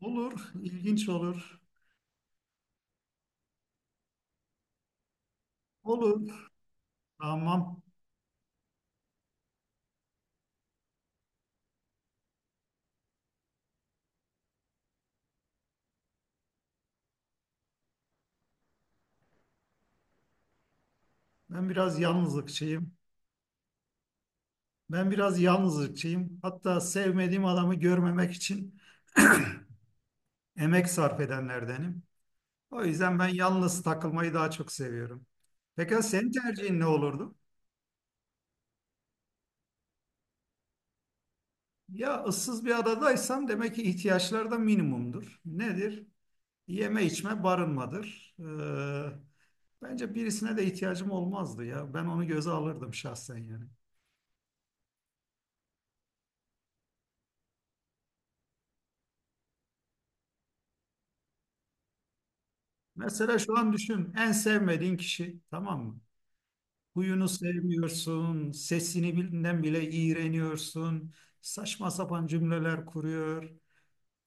Olur, ilginç olur. Olur. Tamam. Ben biraz yalnızlıkçıyım. Ben biraz yalnızlıkçıyım. Hatta sevmediğim adamı görmemek için emek sarf edenlerdenim. O yüzden ben yalnız takılmayı daha çok seviyorum. Pekala senin tercihin ne olurdu? Ya ıssız bir adadaysam demek ki ihtiyaçlar da minimumdur. Nedir? Yeme içme barınmadır. Bence birisine de ihtiyacım olmazdı ya. Ben onu göze alırdım şahsen yani. Mesela şu an düşün en sevmediğin kişi tamam mı? Huyunu sevmiyorsun, sesini bildiğinden bile iğreniyorsun, saçma sapan cümleler kuruyor.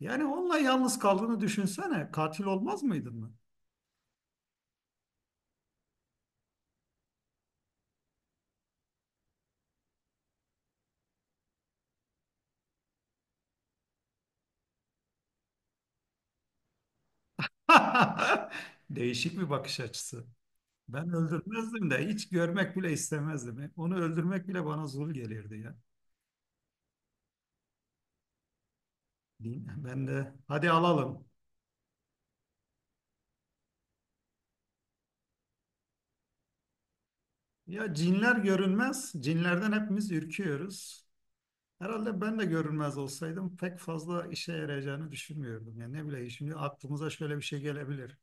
Yani onunla yalnız kaldığını düşünsene, katil olmaz mıydın mı? Değişik bir bakış açısı. Ben öldürmezdim de hiç görmek bile istemezdim. Onu öldürmek bile bana zul gelirdi ya. Din- Ben de hadi alalım. Ya cinler görünmez, cinlerden hepimiz ürküyoruz. Herhalde ben de görünmez olsaydım pek fazla işe yarayacağını düşünmüyordum. Yani ne bileyim şimdi aklımıza şöyle bir şey gelebilir.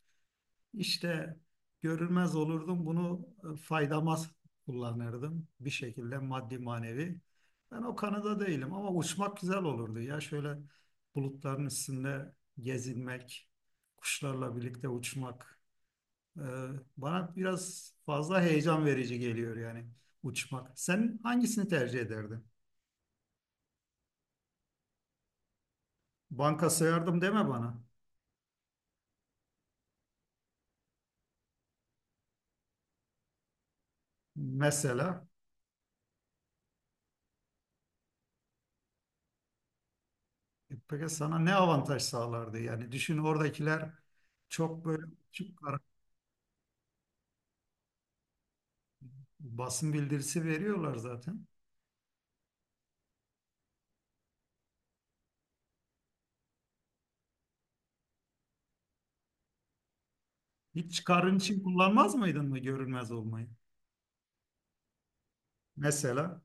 İşte görünmez olurdum bunu faydama kullanırdım bir şekilde maddi manevi. Ben o kanıda değilim ama uçmak güzel olurdu. Ya şöyle bulutların üstünde gezinmek, kuşlarla birlikte uçmak e, bana biraz fazla heyecan verici geliyor yani uçmak. Sen hangisini tercih ederdin? Banka sığardım deme bana. Mesela peki sana ne avantaj sağlardı? Yani düşün oradakiler çok böyle açık ara- basın bildirisi veriyorlar zaten. Hiç çıkarın için kullanmaz mıydın mı görünmez olmayı? Mesela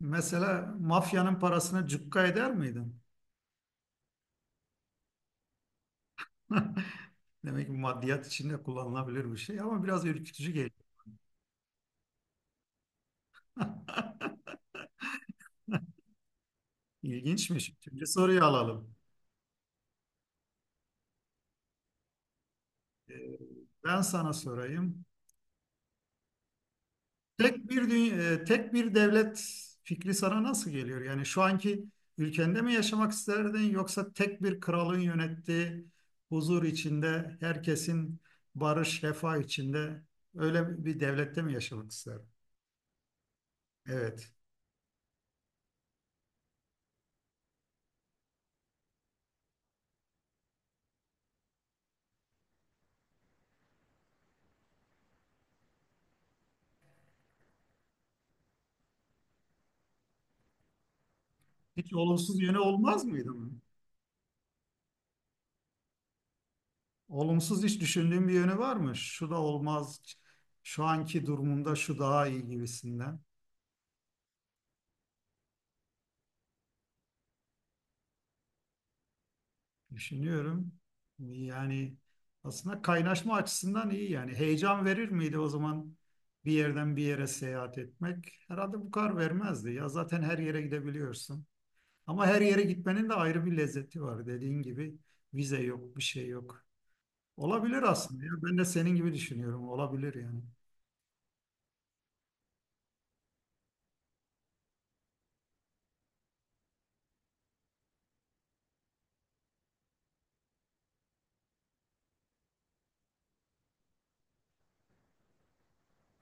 mesela mafyanın parasını cukka eder miydin? Demek ki maddiyat içinde kullanılabilir bir şey ama biraz ürkütücü geliyor. İlginçmiş. Şimdi soruyu alalım. Ee, Ben sana sorayım. Tek bir dünya, tek bir devlet fikri sana nasıl geliyor? Yani şu anki ülkende mi yaşamak isterdin yoksa tek bir kralın yönettiği huzur içinde herkesin barış, refah içinde öyle bir devlette mi yaşamak isterdin? Evet. Hiç olumsuz yönü olmaz mıydı mı? Olumsuz hiç düşündüğün bir yönü var mı? Şu da olmaz. Şu anki durumunda şu daha iyi gibisinden. Düşünüyorum. Yani aslında kaynaşma açısından iyi yani. Heyecan verir miydi o zaman bir yerden bir yere seyahat etmek? Herhalde bu kadar vermezdi. Ya zaten her yere gidebiliyorsun. Ama her yere gitmenin de ayrı bir lezzeti var. Dediğin gibi vize yok, bir şey yok. Olabilir aslında ya. Ben de senin gibi düşünüyorum. Olabilir yani.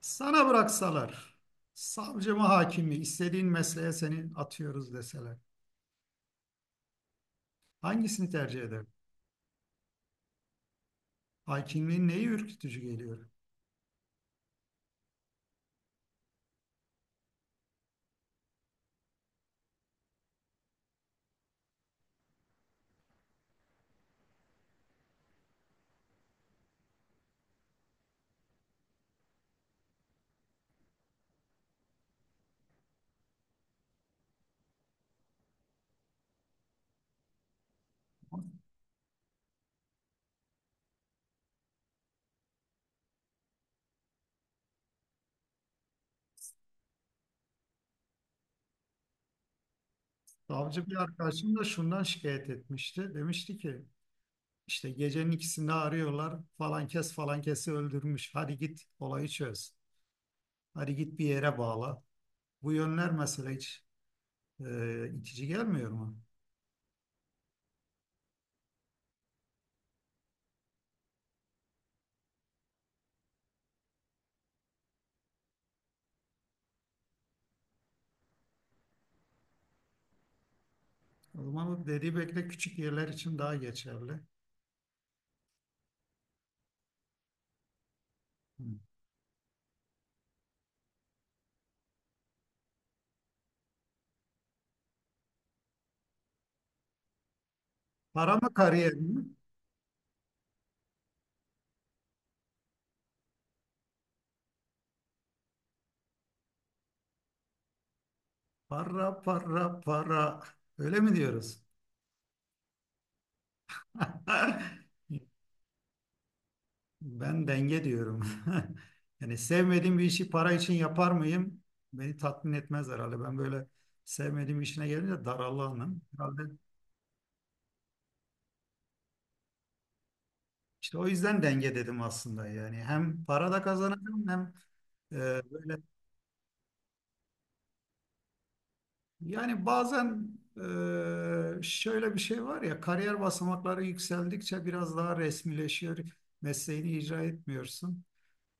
Sana bıraksalar, savcı mı hakim mi, istediğin mesleğe seni atıyoruz deseler. Hangisini tercih eder Hakimliğin neyi ürkütücü geliyor? Savcı bir arkadaşım da şundan şikayet etmişti. Demişti ki işte gecenin ikisinde arıyorlar falan kes falan kesi öldürmüş. Hadi git olayı çöz. Hadi git bir yere bağla. Bu yönler mesela hiç itici gelmiyor mu? O zaman o dediği belki de küçük yerler için daha geçerli. Hı. Para mı kariyer mi? Para para para. Öyle mi diyoruz? İnşallah Ben denge diyorum. Yani sevmediğim bir işi para için yapar mıyım? Beni tatmin etmez herhalde. Ben böyle sevmediğim işine gelince darallanım. Herhalde işte o yüzden denge dedim aslında. Yani hem para da kazanacağım hem e, böyle yani bazen şöyle bir şey var ya kariyer basamakları yükseldikçe biraz daha resmileşiyor. Mesleğini icra etmiyorsun.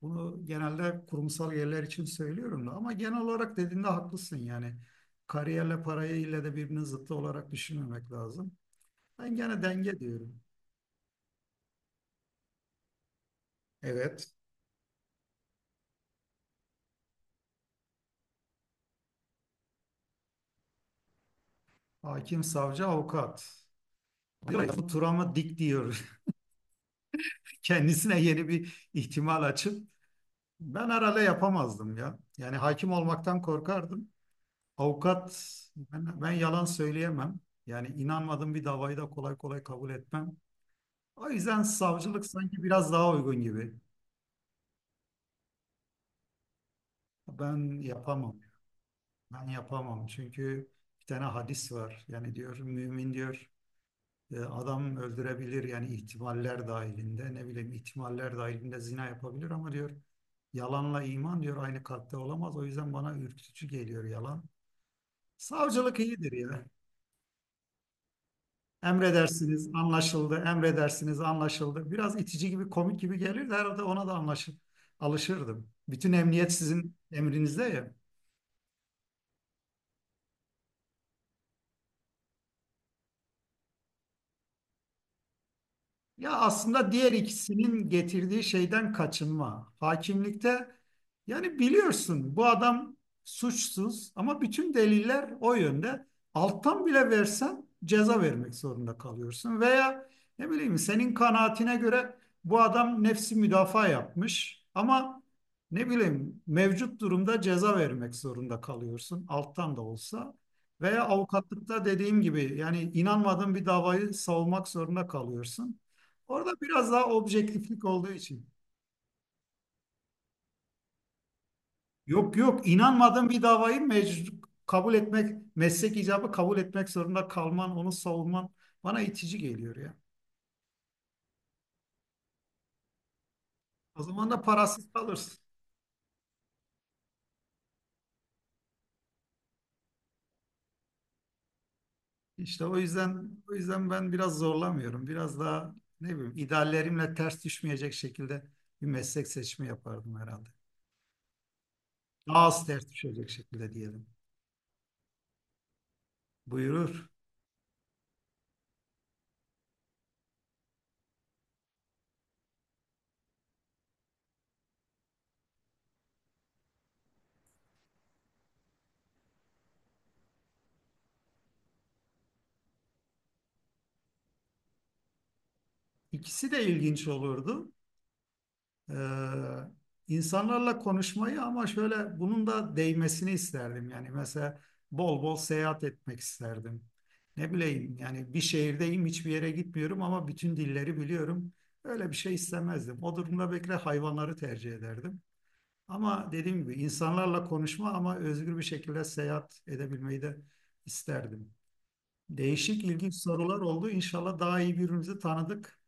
Bunu genelde kurumsal yerler için söylüyorum da ama genel olarak dediğinde haklısın yani. Kariyerle parayı ile de birbirinin zıttı olarak düşünmemek lazım. Ben gene denge diyorum. Evet. Hakim, savcı, avukat. Diyor ya, Bu Turam'ı dik diyor. Kendisine yeni bir ihtimal açıp ben herhalde yapamazdım ya. Yani hakim olmaktan korkardım. Avukat ben yalan söyleyemem. Yani inanmadığım bir davayı da kolay kolay kabul etmem. O yüzden savcılık sanki biraz daha uygun gibi. Ben yapamam. Ben yapamam. Çünkü bir tane hadis var. Yani diyor mümin diyor adam öldürebilir yani ihtimaller dahilinde ne bileyim ihtimaller dahilinde zina yapabilir ama diyor yalanla iman diyor aynı kalpte olamaz. O yüzden bana ürkütücü geliyor yalan. Savcılık iyidir ya. Emredersiniz anlaşıldı. Emredersiniz anlaşıldı. Biraz itici gibi komik gibi gelir de herhalde ona da anlaşıp alışırdım. Bütün emniyet sizin emrinizde ya. Ya aslında diğer ikisinin getirdiği şeyden kaçınma. Hakimlikte yani biliyorsun bu adam suçsuz ama bütün deliller o yönde. Alttan bile versen ceza vermek zorunda kalıyorsun. Veya ne bileyim senin kanaatine göre bu adam nefsi müdafaa yapmış ama ne bileyim mevcut durumda ceza vermek zorunda kalıyorsun alttan da olsa. Veya avukatlıkta dediğim gibi yani inanmadığın bir davayı savunmak zorunda kalıyorsun. Orada biraz daha objektiflik olduğu için. Yok yok inanmadığın bir davayı mecbur kabul etmek, meslek icabı kabul etmek zorunda kalman, onu savunman bana itici geliyor ya. O zaman da parasız kalırsın. İşte o yüzden ben biraz zorlamıyorum. Biraz daha ne bileyim ideallerimle ters düşmeyecek şekilde bir meslek seçimi yapardım herhalde. Daha az ters düşecek şekilde diyelim. Buyurur. İkisi de ilginç olurdu. Ee, insanlarla konuşmayı ama şöyle bunun da değmesini isterdim. Yani mesela bol bol seyahat etmek isterdim. Ne bileyim yani bir şehirdeyim hiçbir yere gitmiyorum ama bütün dilleri biliyorum. Öyle bir şey istemezdim. O durumda belki de hayvanları tercih ederdim. Ama dediğim gibi insanlarla konuşma ama özgür bir şekilde seyahat edebilmeyi de isterdim. Değişik ilginç sorular oldu. İnşallah daha iyi birbirimizi tanıdık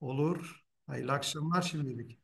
olur. Hayırlı akşamlar şimdilik.